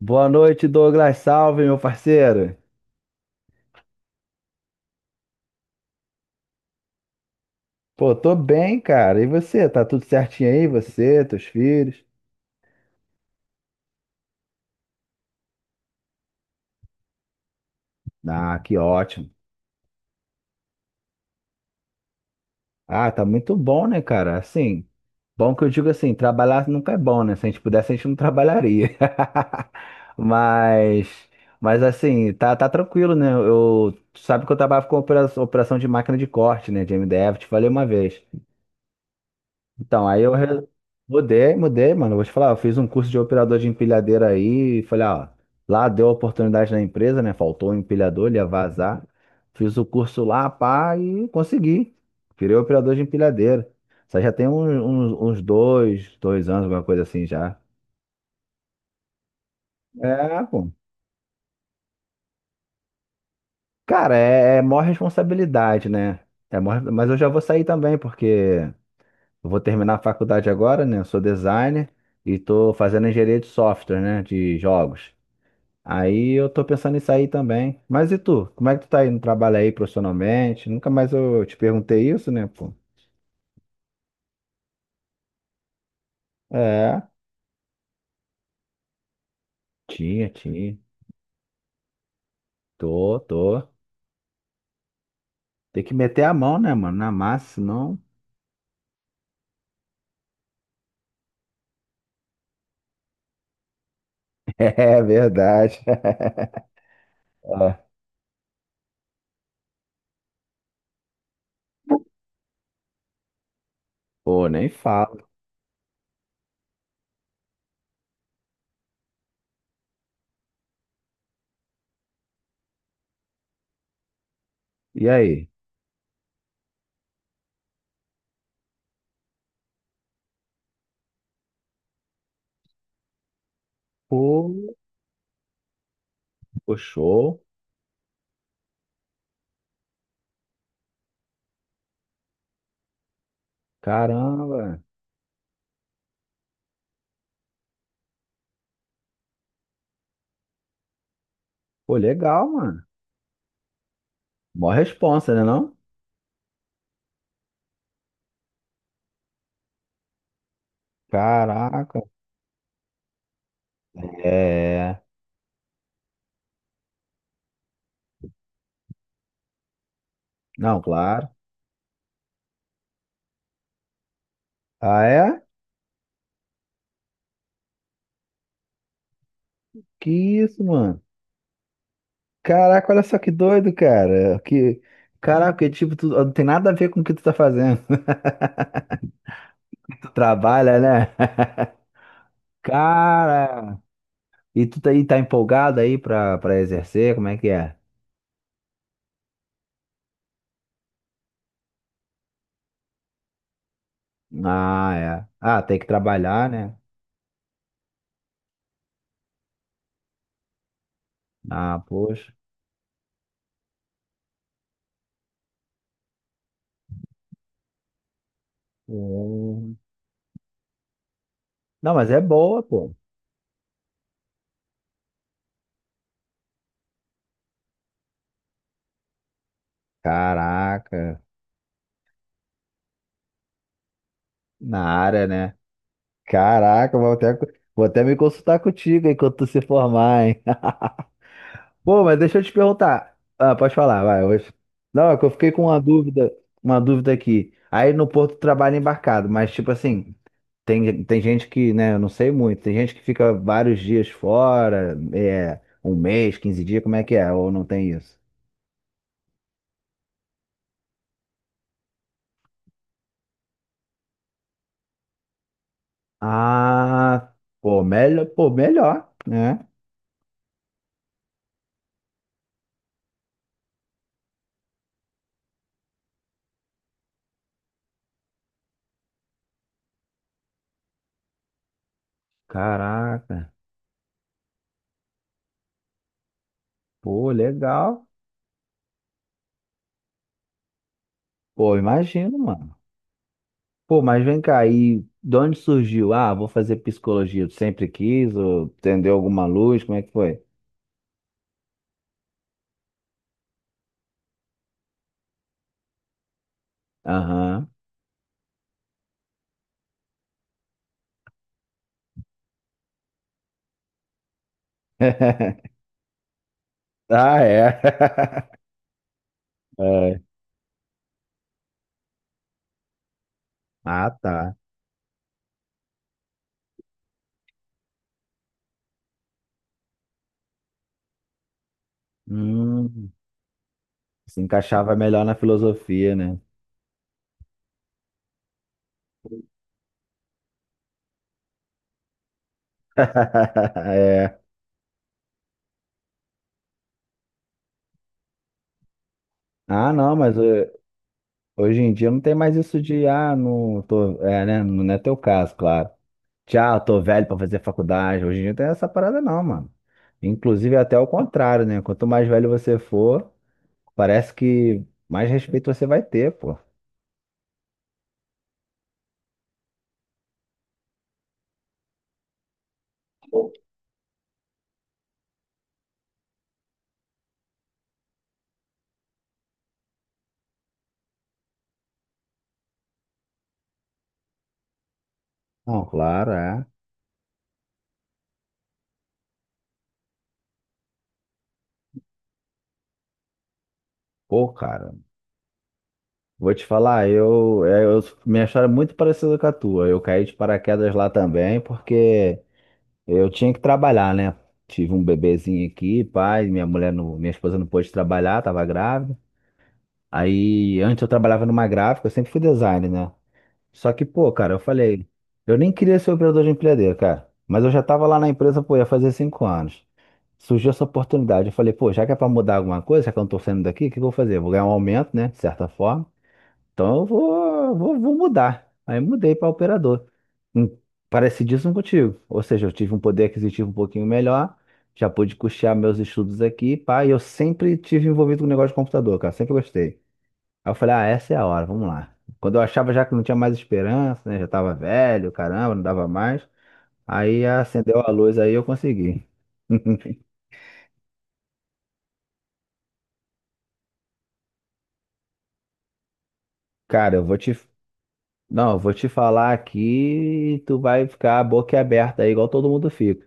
Boa noite, Douglas. Salve, meu parceiro. Pô, tô bem, cara. E você? Tá tudo certinho aí? Você, teus filhos? Ah, que ótimo. Ah, tá muito bom, né, cara? Assim, bom que eu digo assim, trabalhar nunca é bom, né? Se a gente pudesse, a gente não trabalharia. Mas, mas assim, tá tranquilo, né? Tu sabe que eu trabalho com operação de máquina de corte, né, de MDF, te falei uma vez. Então, aí eu mudei, mano. Vou te falar, eu fiz um curso de operador de empilhadeira aí e falei, ó, lá deu a oportunidade na empresa, né? Faltou um empilhador, ele ia vazar. Fiz o curso lá, pá, e consegui. Virei operador de empilhadeira. Isso aí já tem uns dois anos, alguma coisa assim já. É, pô. Cara, é maior responsabilidade, né? É maior, mas eu já vou sair também, porque eu vou terminar a faculdade agora, né? Eu sou designer e tô fazendo engenharia de software, né? De jogos. Aí eu tô pensando em sair também. Mas e tu? Como é que tu tá aí no trabalho aí profissionalmente? Nunca mais eu te perguntei isso, né, pô? É, tinha, tinha. Tô, tô. Tem que meter a mão, né, mano? Na massa, senão. É verdade. É. Pô, nem falo. E aí? Pô, pô, show. Caramba. Pô, legal, mano. Mó responsa, né, não? Caraca. É. Não, claro. Ah, é? Que isso, mano? Caraca, olha só que doido, cara. Caraca, tipo, não tem nada a ver com o que tu tá fazendo. Tu trabalha, né? Cara, e tu tá aí, tá empolgado aí pra exercer? Como é que é? Ah, é. Ah, tem que trabalhar, né? Ah, poxa. Hum. Não, mas é boa, pô. Caraca, na área, né? Caraca, vou até me consultar contigo enquanto tu se formar, hein? Pô, mas deixa eu te perguntar. Ah, pode falar, vai. Não, é que eu fiquei com uma dúvida aqui. Aí no Porto trabalha embarcado, mas tipo assim, tem gente que, né, eu não sei muito, tem gente que fica vários dias fora, é, um mês, 15 dias, como é que é? Ou não tem isso? Ah, pô, melhor, né? Caraca, pô, legal. Pô, imagino, mano. Pô, mas vem cá, e de onde surgiu? Ah, vou fazer psicologia. Tu sempre quis ou acendeu alguma luz? Como é que foi? Aham. Ah, é. É. Ah, tá. Hum, Se encaixava melhor na filosofia, né? É. Ah, não, mas hoje em dia não tem mais isso de, ah, não tô, é, né? Não é teu caso, claro. Tchau, tô velho pra fazer faculdade. Hoje em dia não tem essa parada, não, mano. Inclusive, é até o contrário, né? Quanto mais velho você for. Parece que mais respeito você vai ter, pô. Não, claro, é. Pô, cara, vou te falar, minha história é muito parecida com a tua. Eu caí de paraquedas lá também, porque eu tinha que trabalhar, né? Tive um bebezinho aqui, pai, minha mulher, minha esposa não pôde trabalhar, tava grávida. Aí, antes eu trabalhava numa gráfica, eu sempre fui designer, né? Só que, pô, cara, eu falei, eu nem queria ser operador de empilhadeira, cara. Mas eu já tava lá na empresa, pô, ia fazer 5 anos. Surgiu essa oportunidade. Eu falei, pô, já que é para mudar alguma coisa, já que eu não tô saindo daqui, o que que eu vou fazer? Eu vou ganhar um aumento, né? De certa forma. Então eu vou mudar. Aí mudei para operador. Hum, Parecidíssimo contigo. Ou seja, eu tive um poder aquisitivo um pouquinho melhor, já pude custear meus estudos aqui, pá, e eu sempre tive envolvido com negócio de computador, cara, sempre gostei. Aí eu falei, ah, essa é a hora, vamos lá. Quando eu achava já que não tinha mais esperança, né? Já tava velho, caramba, não dava mais. Aí acendeu a luz, aí eu consegui. Cara, não, eu vou te falar aqui, tu vai ficar boquiaberta aí, igual todo mundo fica.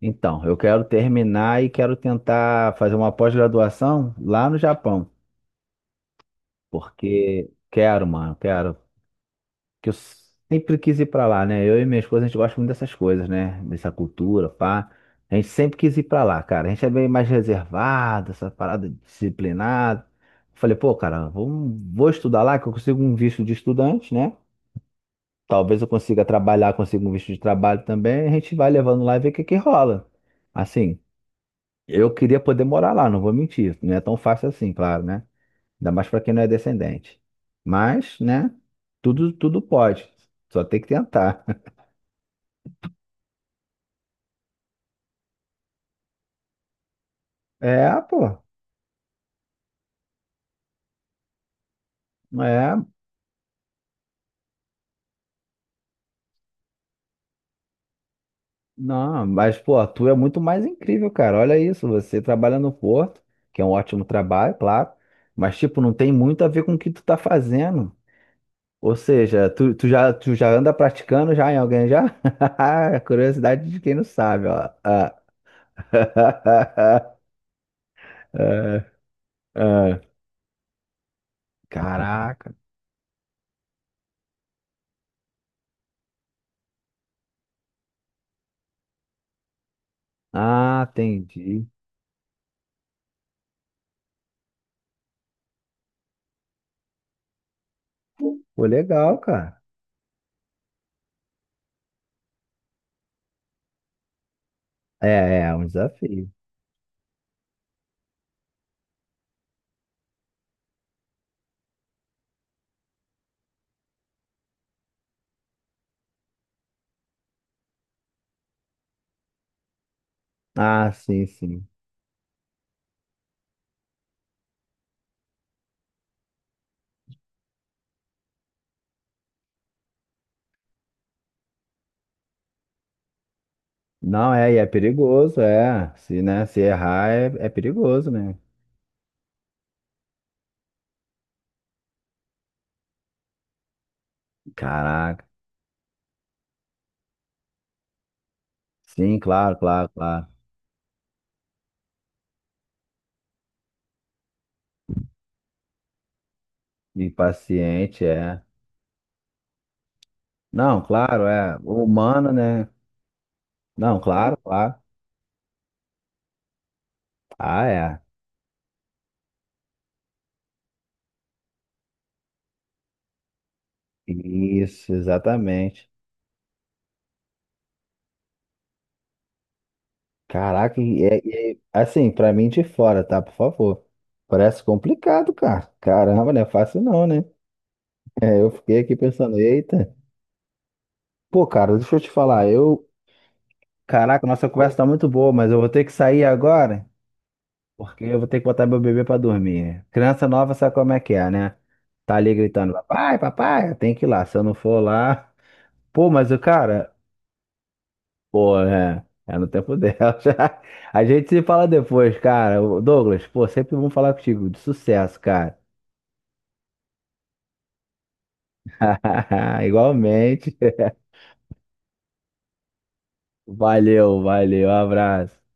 Então, eu quero terminar e quero tentar fazer uma pós-graduação lá no Japão, porque quero, mano, quero. Que eu sempre quis ir pra lá, né? Eu e minha esposa, a gente gosta muito dessas coisas, né? Dessa cultura, pá. A gente sempre quis ir pra lá, cara. A gente é bem mais reservado, essa parada disciplinada. Falei, pô, cara, vou estudar lá, que eu consigo um visto de estudante, né? Talvez eu consiga trabalhar, consiga um visto de trabalho também. A gente vai levando lá e vê o que que rola. Assim, eu queria poder morar lá, não vou mentir. Não é tão fácil assim, claro, né? Ainda mais para quem não é descendente. Mas, né? Tudo, tudo pode. Só tem que tentar. É, pô. É. Não, mas, pô, tu é muito mais incrível, cara. Olha isso. Você trabalha no Porto, que é um ótimo trabalho, claro. Mas, tipo, não tem muito a ver com o que tu tá fazendo. Ou seja, tu já anda praticando já em alguém já? Curiosidade de quem não sabe, ó. Ah. Ah, ah. Caraca. Ah, entendi. Pô, legal, cara. É, é um desafio. Ah, sim, sim. Não, é, e é perigoso, é. Se, né, se errar, é perigoso, né? Caraca. Sim, claro, claro, claro. E paciente, é. Não, claro, é. Humano, né? Não, claro, claro. Ah, é. Isso, exatamente. Caraca, assim, pra mim de fora, tá? Por favor. Parece complicado, cara. Caramba, não é fácil não, né? É, eu fiquei aqui pensando, eita. Pô, cara, deixa eu te falar, Caraca, nossa conversa tá muito boa, mas eu vou ter que sair agora, porque eu vou ter que botar meu bebê pra dormir. Criança nova sabe como é que é, né? Tá ali gritando, papai, papai, tem que ir lá. Se eu não for lá. Pô, mas, o cara, pô, é no tempo dela. A gente se fala depois, cara. Ô, Douglas, pô, sempre vamos falar contigo. De sucesso, cara. Igualmente. Valeu, valeu. Abraço.